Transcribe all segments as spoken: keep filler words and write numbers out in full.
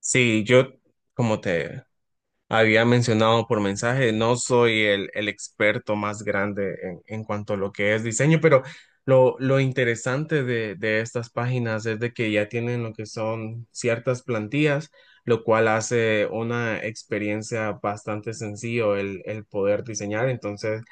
Sí, yo, como te había mencionado por mensaje, no soy el, el experto más grande en, en cuanto a lo que es diseño, pero lo, lo interesante de, de estas páginas es de que ya tienen lo que son ciertas plantillas, lo cual hace una experiencia bastante sencillo el, el poder diseñar. Entonces,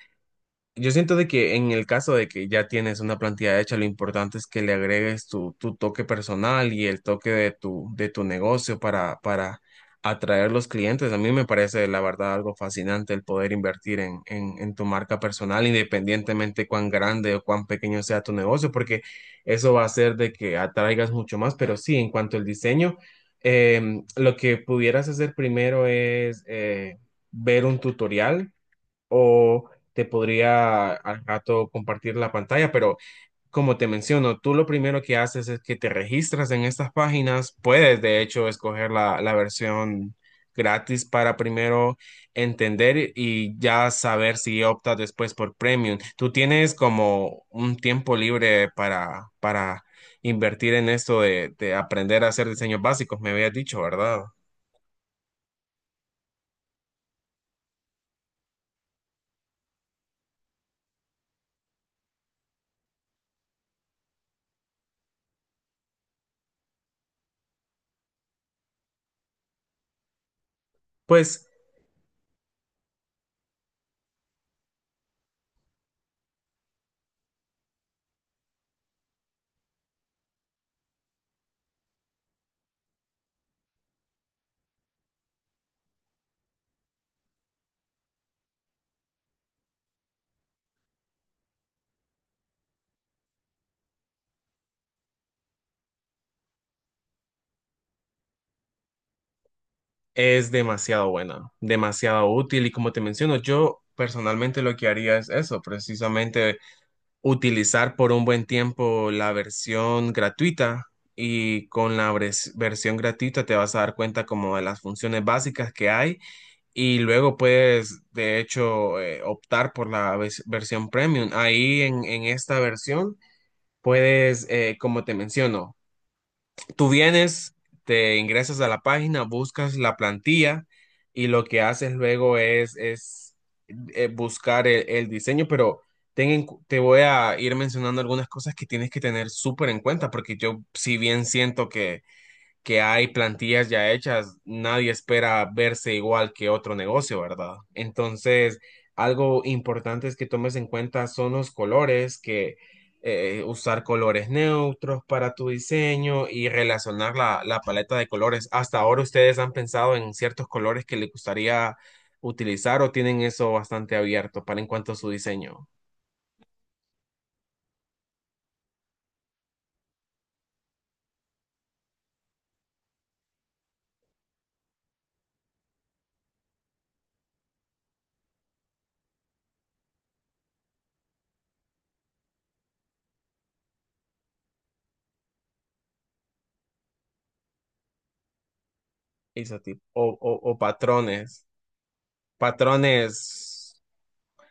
yo siento de que en el caso de que ya tienes una plantilla hecha, lo importante es que le agregues tu, tu toque personal y el toque de tu, de tu negocio para, para atraer los clientes. A mí me parece, la verdad, algo fascinante el poder invertir en, en, en tu marca personal, independientemente cuán grande o cuán pequeño sea tu negocio, porque eso va a hacer de que atraigas mucho más. Pero sí, en cuanto al diseño, em, lo que pudieras hacer primero es eh, ver un tutorial o te podría al rato compartir la pantalla, pero como te menciono, tú lo primero que haces es que te registras en estas páginas, puedes de hecho escoger la, la versión gratis para primero entender y ya saber si optas después por premium. Tú tienes como un tiempo libre para, para invertir en esto de, de aprender a hacer diseños básicos, me habías dicho, ¿verdad? Pues es demasiado buena, demasiado útil y como te menciono, yo personalmente lo que haría es eso, precisamente utilizar por un buen tiempo la versión gratuita y con la vres- versión gratuita te vas a dar cuenta como de las funciones básicas que hay y luego puedes de hecho eh, optar por la ves- versión premium. Ahí en, en esta versión puedes, eh, como te menciono, tú vienes, te ingresas a la página, buscas la plantilla y lo que haces luego es, es eh, buscar el, el diseño, pero ten en cu- te voy a ir mencionando algunas cosas que tienes que tener súper en cuenta, porque yo si bien siento que que hay plantillas ya hechas, nadie espera verse igual que otro negocio, ¿verdad? Entonces, algo importante es que tomes en cuenta son los colores, que eh, usar colores neutros para tu diseño y relacionar la, la paleta de colores. Hasta ahora ustedes han pensado en ciertos colores que les gustaría utilizar o tienen eso bastante abierto para en cuanto a su diseño, Isa, tipo, o, o o patrones, patrones.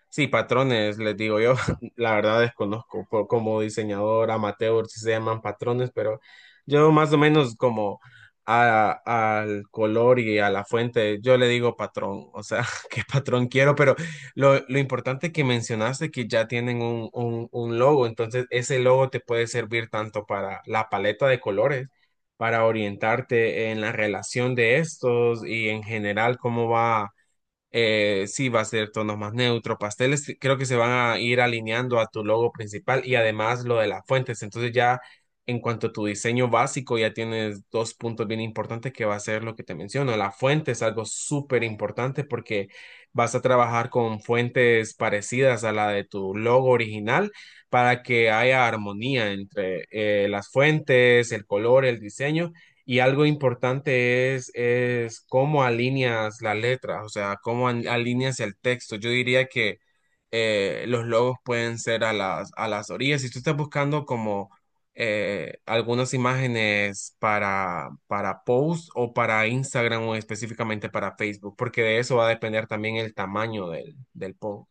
Sí, patrones, les digo yo, la verdad desconozco por- como diseñador amateur si se llaman patrones, pero yo más o menos como a- al color y a la fuente, yo le digo patrón, o sea, qué patrón quiero, pero lo, lo importante que mencionaste que ya tienen un, un, un logo, entonces ese logo te puede servir tanto para la paleta de colores, para orientarte en la relación de estos y en general cómo va, eh, sí va a ser tonos más neutros, pasteles, sí, creo que se van a ir alineando a tu logo principal y además lo de las fuentes. Entonces ya en cuanto a tu diseño básico, ya tienes dos puntos bien importantes que va a ser lo que te menciono. La fuente es algo súper importante porque vas a trabajar con fuentes parecidas a la de tu logo original para que haya armonía entre eh, las fuentes, el color, el diseño. Y algo importante es, es cómo alineas la letra, o sea, cómo al- alineas el texto. Yo diría que eh, los logos pueden ser a las, a las orillas. Si tú estás buscando como eh, algunas imágenes para, para post o para Instagram o específicamente para Facebook, porque de eso va a depender también el tamaño del, del post.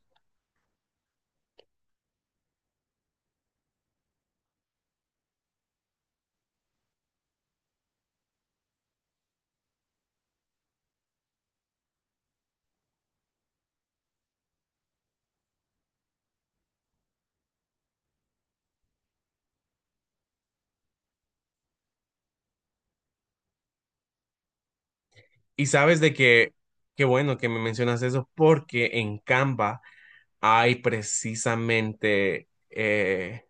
Y sabes de que, qué bueno que me mencionas eso, porque en Canva hay precisamente... eh,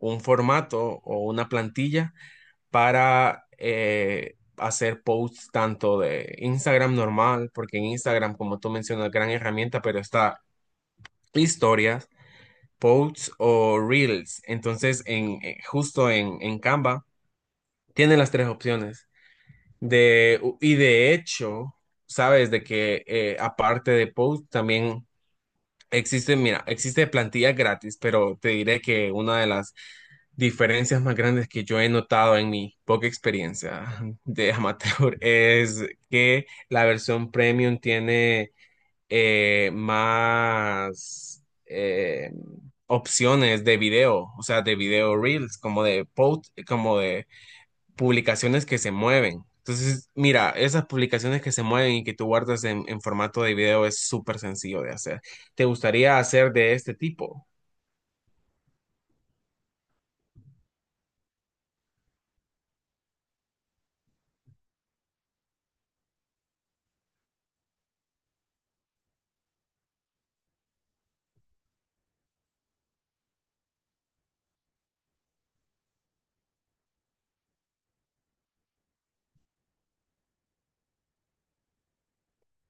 un formato o una plantilla para eh, hacer posts tanto de Instagram normal, porque en Instagram, como tú mencionas, gran herramienta, pero está historias, posts o reels. Entonces, en, eh, justo en, en Canva, tienen las tres opciones. De, y de hecho, sabes de que eh, aparte de posts, también existe, mira, existe plantilla gratis, pero te diré que una de las diferencias más grandes que yo he notado en mi poca experiencia de amateur es que la versión premium tiene eh, más eh, opciones de video, o sea, de video reels, como de post, como de publicaciones que se mueven. Entonces, mira, esas publicaciones que se mueven y que tú guardas en, en formato de video es súper sencillo de hacer. ¿Te gustaría hacer de este tipo?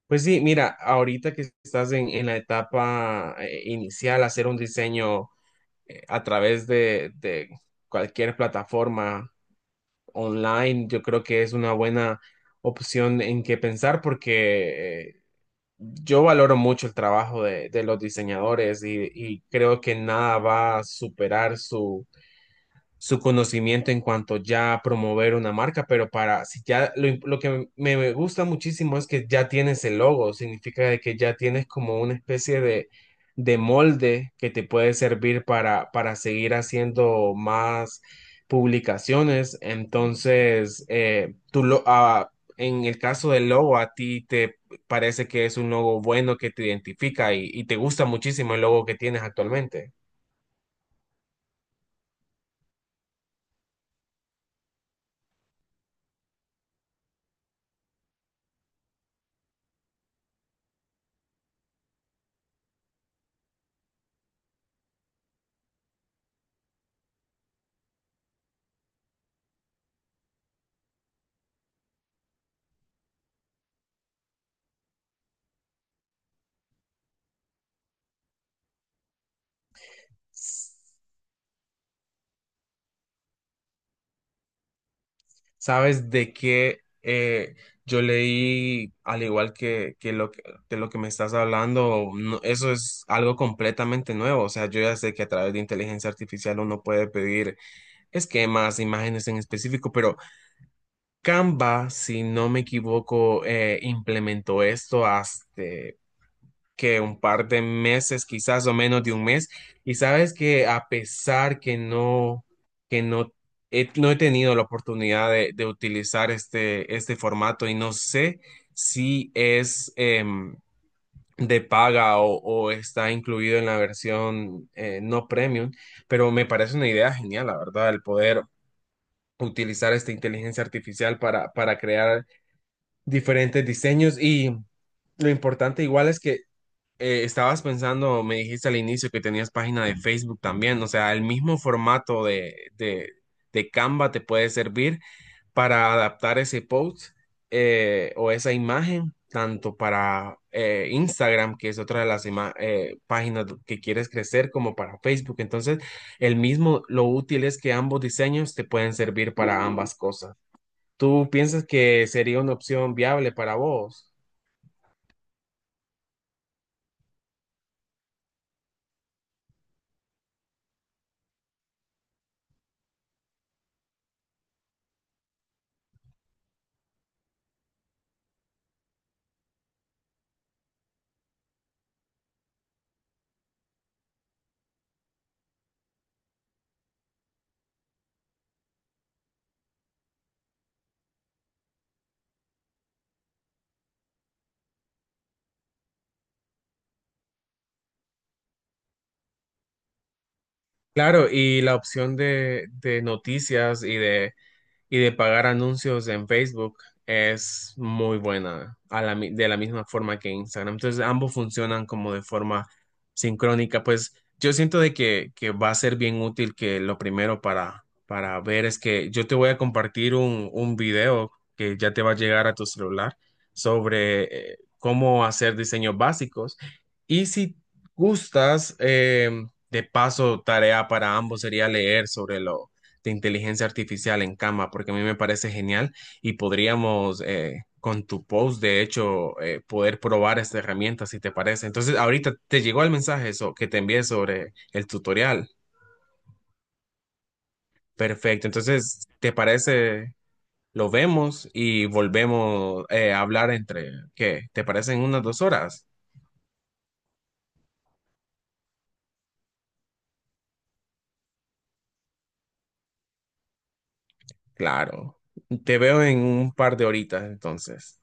Pues sí, mira, ahorita que estás en, en la etapa eh, inicial, hacer un diseño eh, a través de, de cualquier plataforma online, yo creo que es una buena opción en que pensar porque eh, yo valoro mucho el trabajo de, de los diseñadores y, y creo que nada va a superar su, su conocimiento en cuanto ya a promover una marca, pero para si ya lo, im- lo que me, me gusta muchísimo es que ya tienes el logo, significa de que ya tienes como una especie de, de molde que te puede servir para, para seguir haciendo más publicaciones. Entonces, eh, tú lo, ah, en el caso del logo, a ti te parece que es un logo bueno que te identifica y y te gusta muchísimo el logo que tienes actualmente. ¿Sabes de qué? Eh, yo leí, al igual que, que lo que de lo que me estás hablando, no- eso es algo completamente nuevo. O sea, yo ya sé que a través de inteligencia artificial uno puede pedir esquemas, imágenes en específico, pero Canva, si no me equivoco, eh, implementó esto hasta que un par de meses, quizás o menos de un mes. Y sabes que a pesar que no, que no he, no he tenido la oportunidad de, de utilizar este, este formato y no sé si es em, de paga o, o está incluido en la versión eh, no premium, pero me parece una idea genial, la verdad, el poder utilizar esta inteligencia artificial para, para crear diferentes diseños y... Lo importante igual es que eh, estabas pensando, me dijiste al inicio que tenías página de Facebook también, o sea, el mismo formato de, de, de Canva te puede servir para adaptar ese post eh, o esa imagen, tanto para eh, Instagram, que es otra de las ima- eh, páginas que quieres crecer, como para Facebook. Entonces, el mismo, lo útil es que ambos diseños te pueden servir para ambas cosas. ¿Tú piensas que sería una opción viable para vos? Claro, y la opción de, de noticias y de, y de pagar anuncios en Facebook es muy buena a la mi- de la misma forma que Instagram. Entonces, ambos funcionan como de forma sincrónica. Pues yo siento de que, que va a ser bien útil que lo primero para, para ver es que yo te voy a compartir un, un video que ya te va a llegar a tu celular sobre eh, cómo hacer diseños básicos. Y si gustas, eh, de paso, tarea para ambos sería leer sobre lo de inteligencia artificial en Canva, porque a mí me parece genial y podríamos eh, con tu post, de hecho, eh, poder probar esta herramienta si te parece. Entonces, ahorita te llegó el mensaje eso, que te envié sobre el tutorial. Perfecto. Entonces, ¿te parece? Lo vemos y volvemos eh, a hablar entre, ¿qué? ¿Te parece en unas dos horas? Claro. Te veo en un par de horitas, entonces.